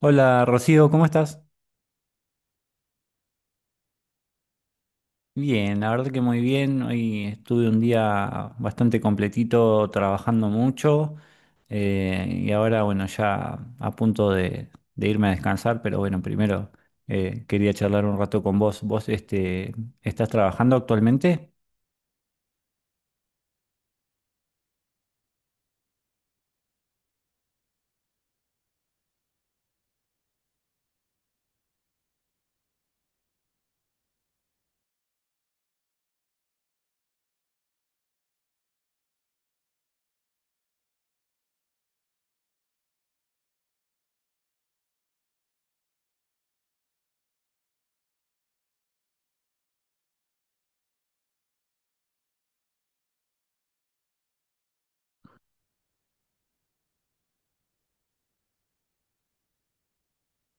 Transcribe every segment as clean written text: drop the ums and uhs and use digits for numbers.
Hola Rocío, ¿cómo estás? Bien, la verdad que muy bien. Hoy estuve un día bastante completito trabajando mucho y ahora bueno, ya a punto de irme a descansar, pero bueno, primero quería charlar un rato con vos. ¿Vos estás trabajando actualmente?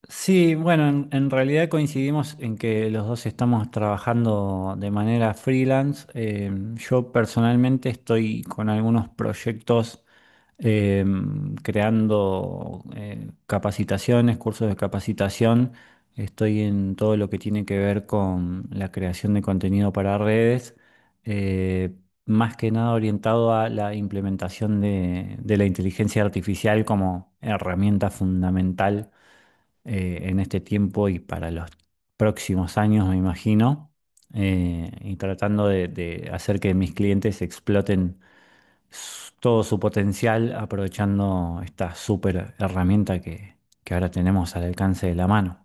Sí, bueno, en realidad coincidimos en que los dos estamos trabajando de manera freelance. Yo personalmente estoy con algunos proyectos eh, creando capacitaciones, cursos de capacitación. Estoy en todo lo que tiene que ver con la creación de contenido para redes, eh, más que nada orientado a la implementación de la inteligencia artificial como herramienta fundamental en este tiempo y para los próximos años, me imagino, y tratando de hacer que mis clientes exploten todo su potencial aprovechando esta súper herramienta que ahora tenemos al alcance de la mano.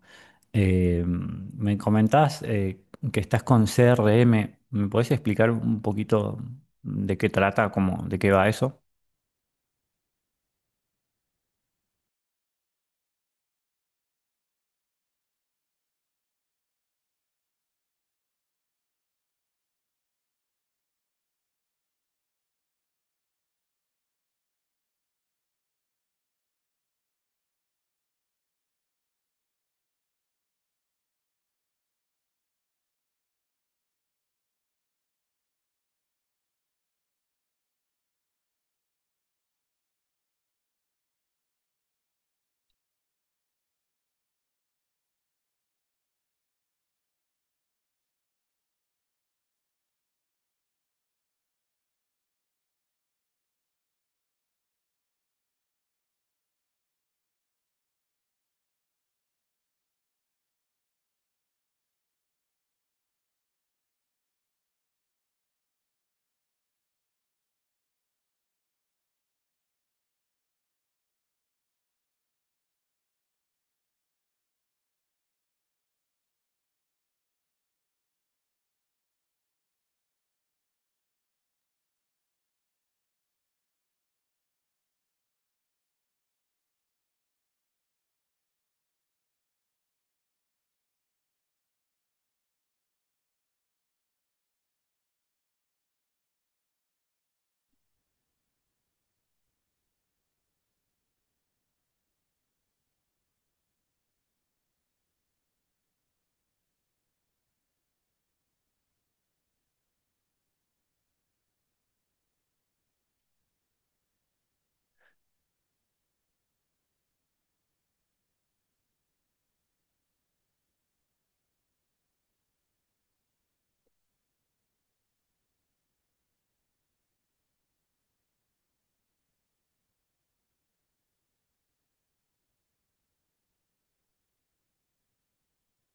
Me comentás que estás con CRM. ¿Me podés explicar un poquito de qué trata, cómo, de qué va eso?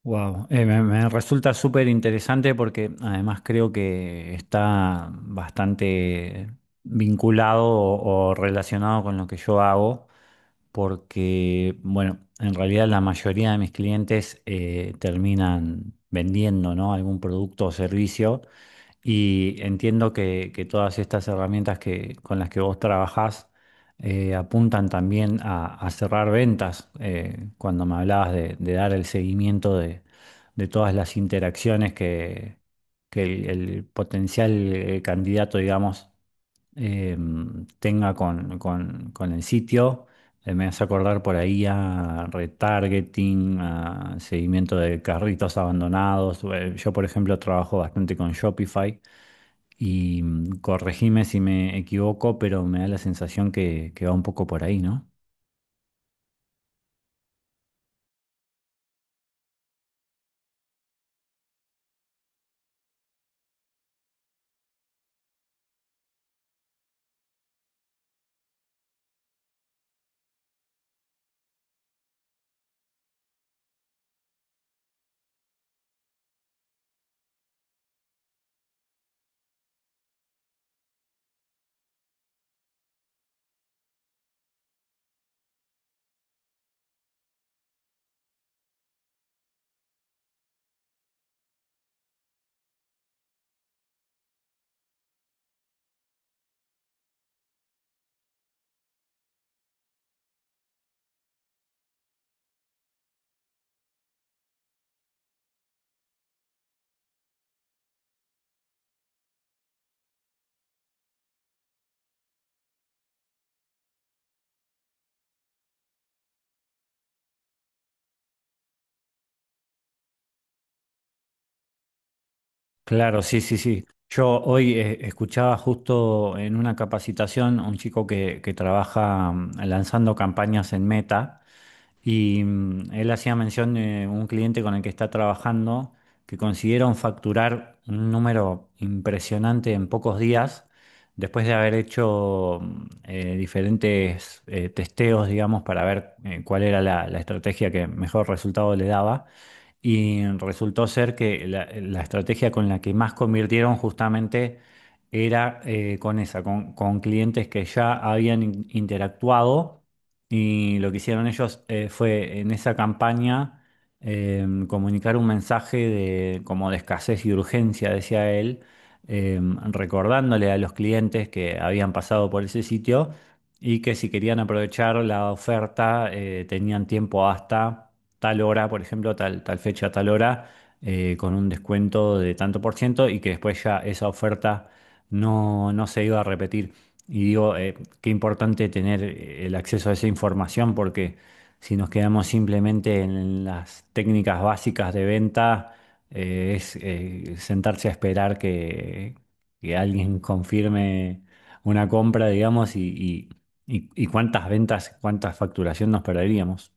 Wow, me resulta súper interesante porque además creo que está bastante vinculado o relacionado con lo que yo hago, porque, bueno, en realidad la mayoría de mis clientes terminan vendiendo, ¿no?, algún producto o servicio. Y entiendo que todas estas herramientas que, con las que vos trabajás apuntan también a cerrar ventas. Cuando me hablabas de dar el seguimiento de todas las interacciones que el potencial candidato, digamos, eh, tenga con el sitio, me hace acordar por ahí a retargeting, a seguimiento de carritos abandonados. Yo, por ejemplo, trabajo bastante con Shopify y corregime si me equivoco, pero me da la sensación que va un poco por ahí, ¿no? Claro, sí, sí, sí. Yo hoy escuchaba justo en una capacitación a un chico que trabaja lanzando campañas en Meta y él hacía mención de un cliente con el que está trabajando que consiguieron facturar un número impresionante en pocos días después de haber hecho diferentes testeos, digamos, para ver cuál era la la estrategia que mejor resultado le daba. Y resultó ser que la estrategia con la que más convirtieron justamente era con esa, con clientes que ya habían interactuado. Y lo que hicieron ellos fue en esa campaña comunicar un mensaje de, como de escasez y urgencia, decía él, eh, recordándole a los clientes que habían pasado por ese sitio y que si querían aprovechar la oferta tenían tiempo hasta tal hora, por ejemplo, tal, tal fecha, tal hora, con un descuento de tanto por ciento y que después ya esa oferta no, no se iba a repetir. Y digo, qué importante tener el acceso a esa información porque si nos quedamos simplemente en las técnicas básicas de venta, es sentarse a esperar que alguien confirme una compra, digamos, y cuántas ventas, cuánta facturación nos perderíamos.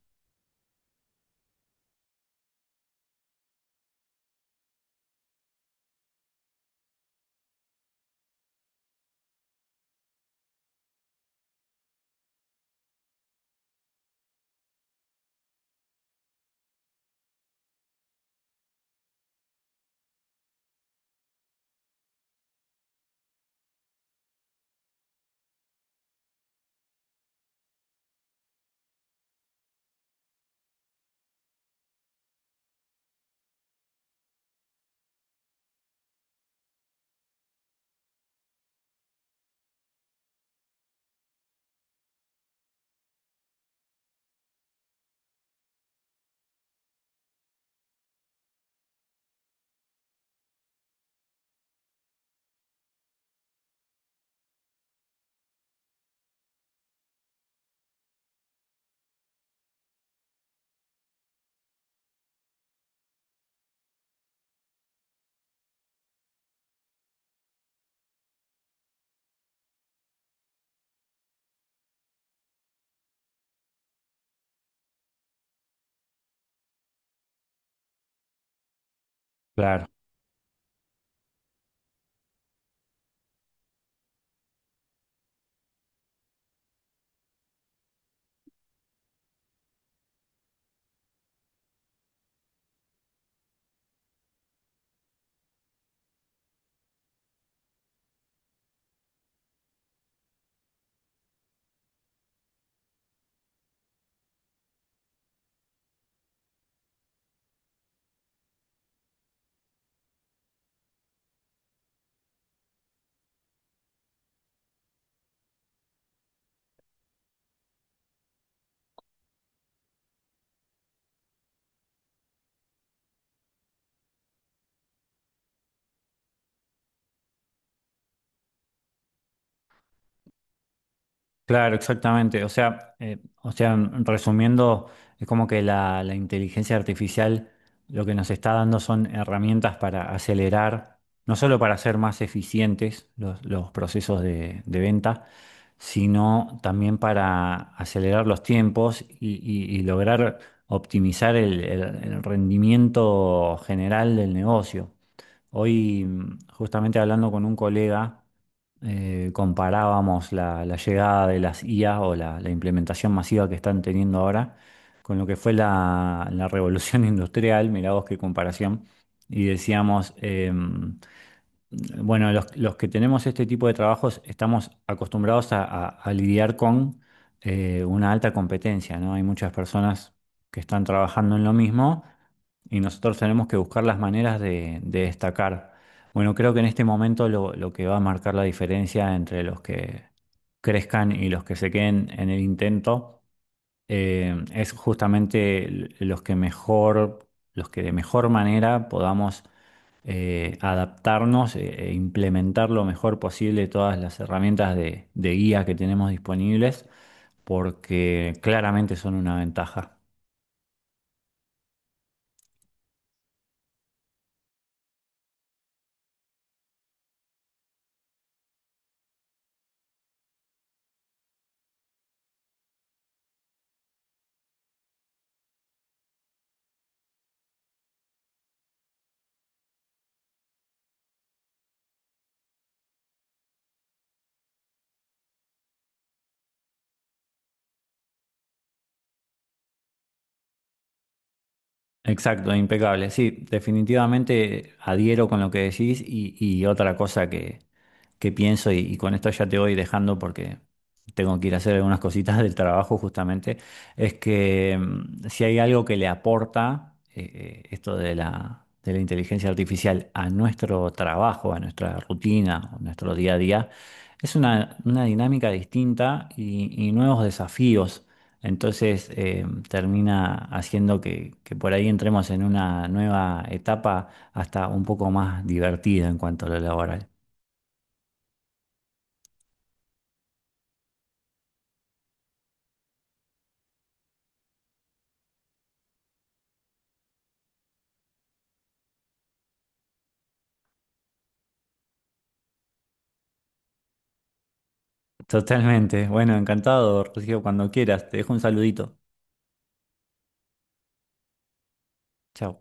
Claro. Claro, exactamente. O sea, resumiendo, es como que la inteligencia artificial lo que nos está dando son herramientas para acelerar, no solo para hacer más eficientes los procesos de venta, sino también para acelerar los tiempos y lograr optimizar el el rendimiento general del negocio. Hoy, justamente hablando con un colega, comparábamos la llegada de las IA o la implementación masiva que están teniendo ahora con lo que fue la revolución industrial, mirá vos qué comparación, y decíamos, bueno, los que tenemos este tipo de trabajos estamos acostumbrados a, a lidiar con una alta competencia, ¿no? Hay muchas personas que están trabajando en lo mismo y nosotros tenemos que buscar las maneras de destacar. Bueno, creo que en este momento lo que va a marcar la diferencia entre los que crezcan y los que se queden en el intento es justamente los que mejor, los que de mejor manera podamos adaptarnos e implementar lo mejor posible todas las herramientas de guía que tenemos disponibles, porque claramente son una ventaja. Exacto, impecable. Sí, definitivamente adhiero con lo que decís y otra cosa que, qué pienso y con esto ya te voy dejando porque tengo que ir a hacer algunas cositas del trabajo justamente, es que si hay algo que le aporta esto de de la inteligencia artificial a nuestro trabajo, a nuestra rutina, a nuestro día a día, es una dinámica distinta y nuevos desafíos. Entonces termina haciendo que por ahí entremos en una nueva etapa hasta un poco más divertida en cuanto a lo laboral. Totalmente. Bueno, encantado, Rocío, cuando quieras. Te dejo un saludito. Chao.